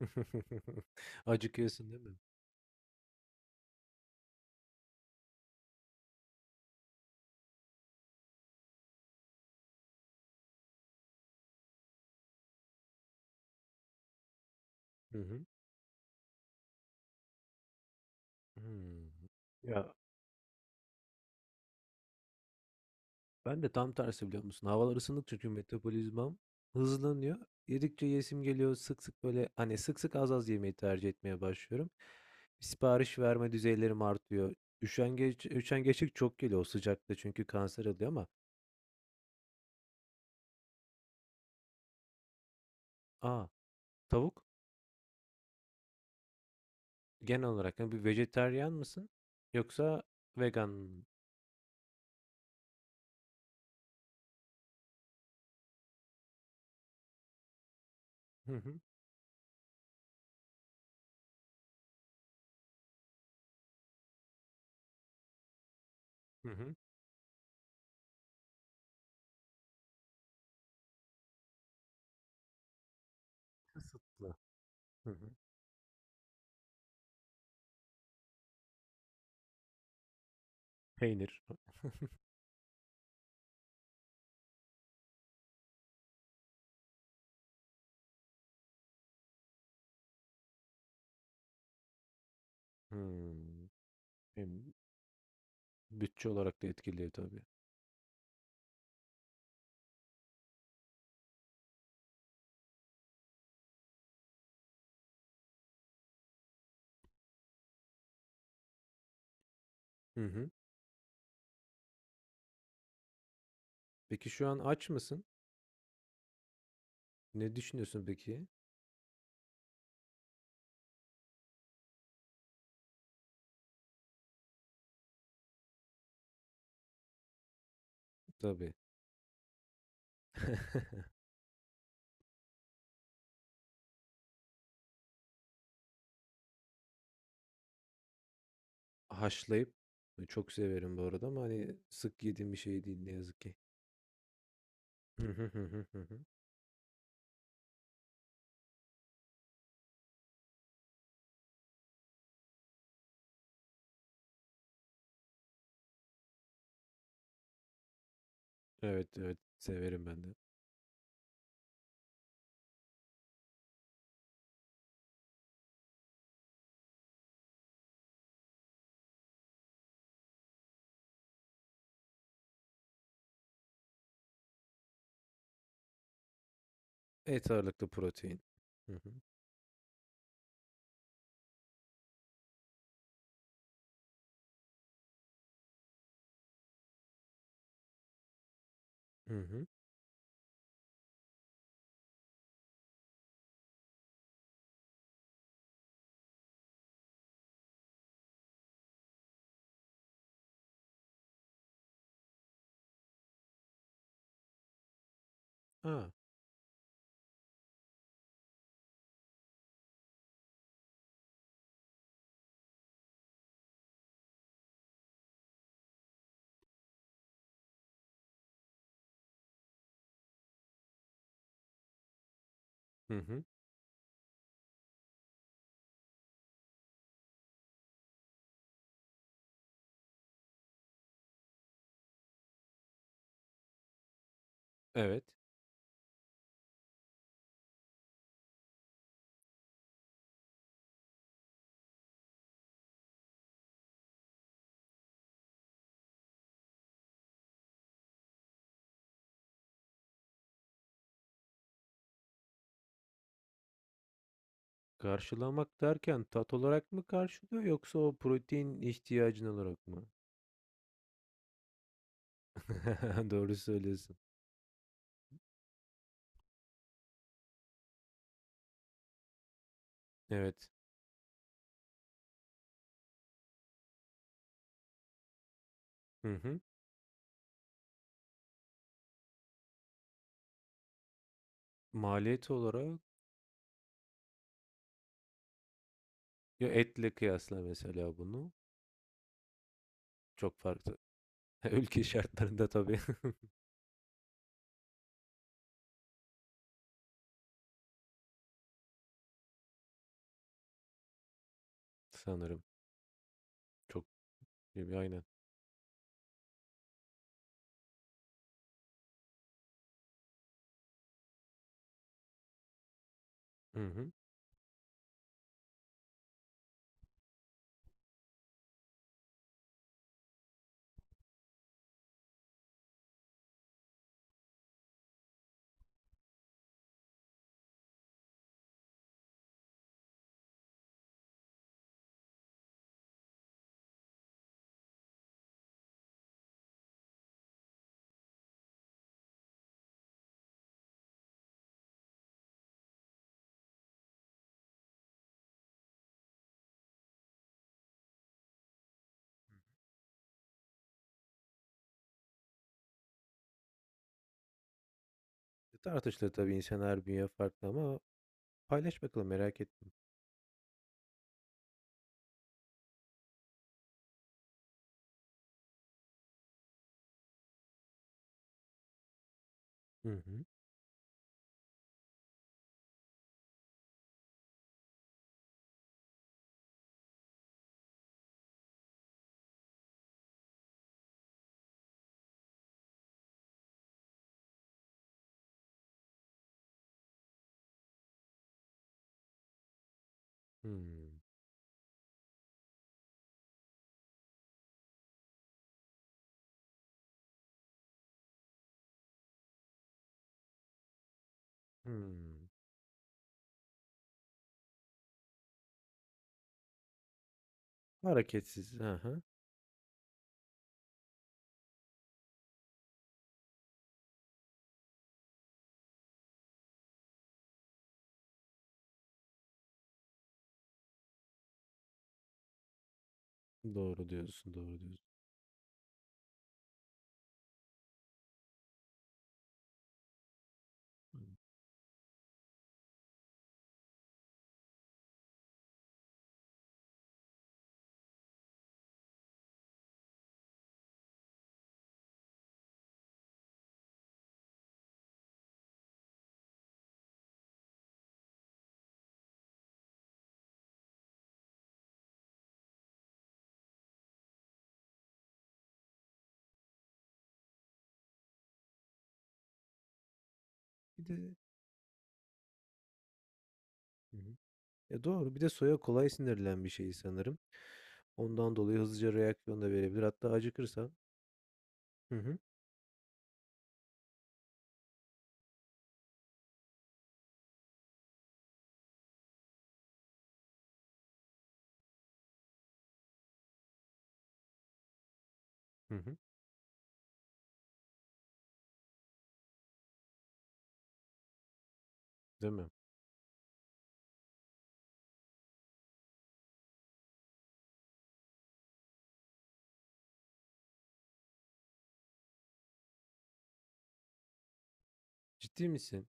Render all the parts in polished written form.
Acıkıyorsun değil mi? Hı hı. Hımm. Ya, ben de tam tersi biliyor musun? Havalar ısındıkça çünkü metabolizmam hızlanıyor. Yedikçe yiyesim geliyor. Sık sık böyle, sık sık az az yemeyi tercih etmeye başlıyorum. Sipariş verme düzeylerim artıyor. Üşengeçlik çok geliyor o sıcakta çünkü kanser oluyor ama a! Tavuk genel olarak, hani, bir vejetaryen mısın yoksa vegan mı? Hı hı. Hı hı. Kısıtlı. Hı hı. Peynir. Hımm. Hem bütçe olarak da etkiliyor tabii. Hı hı. Peki şu an aç mısın? Ne düşünüyorsun peki? Tabii. Haşlayıp çok severim bu arada ama hani sık yediğim bir şey değil ne yazık ki. Hı hı hı hı hı hı. Evet evet severim ben de. Et ağırlıklı protein. Hı hı. Hı hı. Aa. Hı hı. Evet. Karşılamak derken tat olarak mı karşılıyor yoksa o protein ihtiyacın olarak mı? Doğru söylüyorsun. Evet. Hı hı. Maliyet olarak ya etle kıyasla mesela bunu. Çok farklı. Ülke şartlarında tabii sanırım. Çok gibi aynen. Hı hı. Tartışılır tabii, insan her bünye farklı ama paylaş bakalım, merak ettim. Hı hı. Hmm. Hmm. Hareketsiz. Aha. Doğru diyorsun, doğru diyorsun. Hı. Bir de hı hı. Ya doğru. Bir de soya kolay sinirlen bir şey sanırım. Ondan dolayı hızlıca reaksiyon da verebilir. Hatta acıkırsa. Hı hı. Hı hı. Değil mi? Ciddi misin?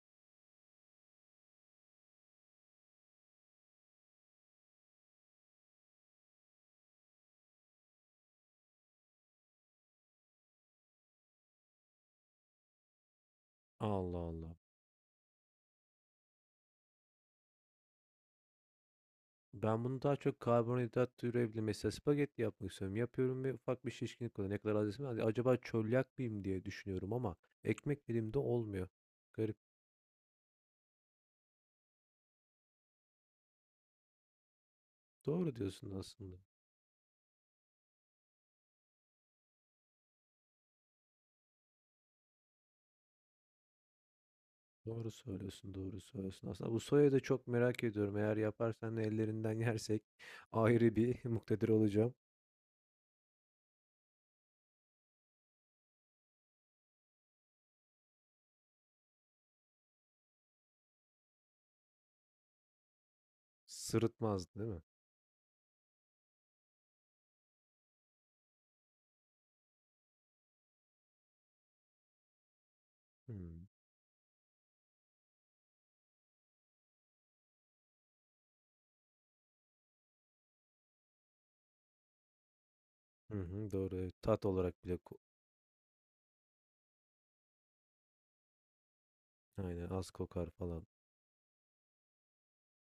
Allah Allah. Ben bunu daha çok karbonhidrat türevli mesela spagetti yapmak istiyorum. Yapıyorum ve ufak bir şişkinlik oluyor. Ne kadar az yesem, hadi acaba çölyak mıyım diye düşünüyorum ama ekmek elimde olmuyor. Garip. Doğru diyorsun aslında. Doğru söylüyorsun, doğru söylüyorsun. Aslında bu soyayı da çok merak ediyorum. Eğer yaparsan da ellerinden yersek ayrı bir muktedir olacağım. Sırıtmaz, değil mi? Hmm. Hı hı, doğru. Evet. Tat olarak bile aynen az kokar falan.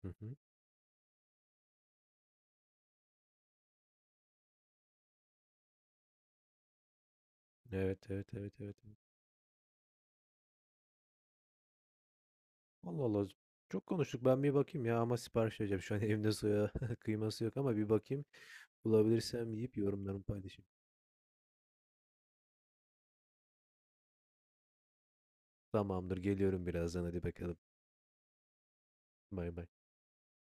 Hı hı. Evet, evet, evet, evet, evet. Allah Allah. Çok konuştuk. Ben bir bakayım ya ama sipariş vereceğim. Şu an evimde soya kıyması yok ama bir bakayım. Bulabilirsem yiyip yorumlarımı paylaşayım. Tamamdır. Geliyorum birazdan. Hadi bakalım. Bay bay.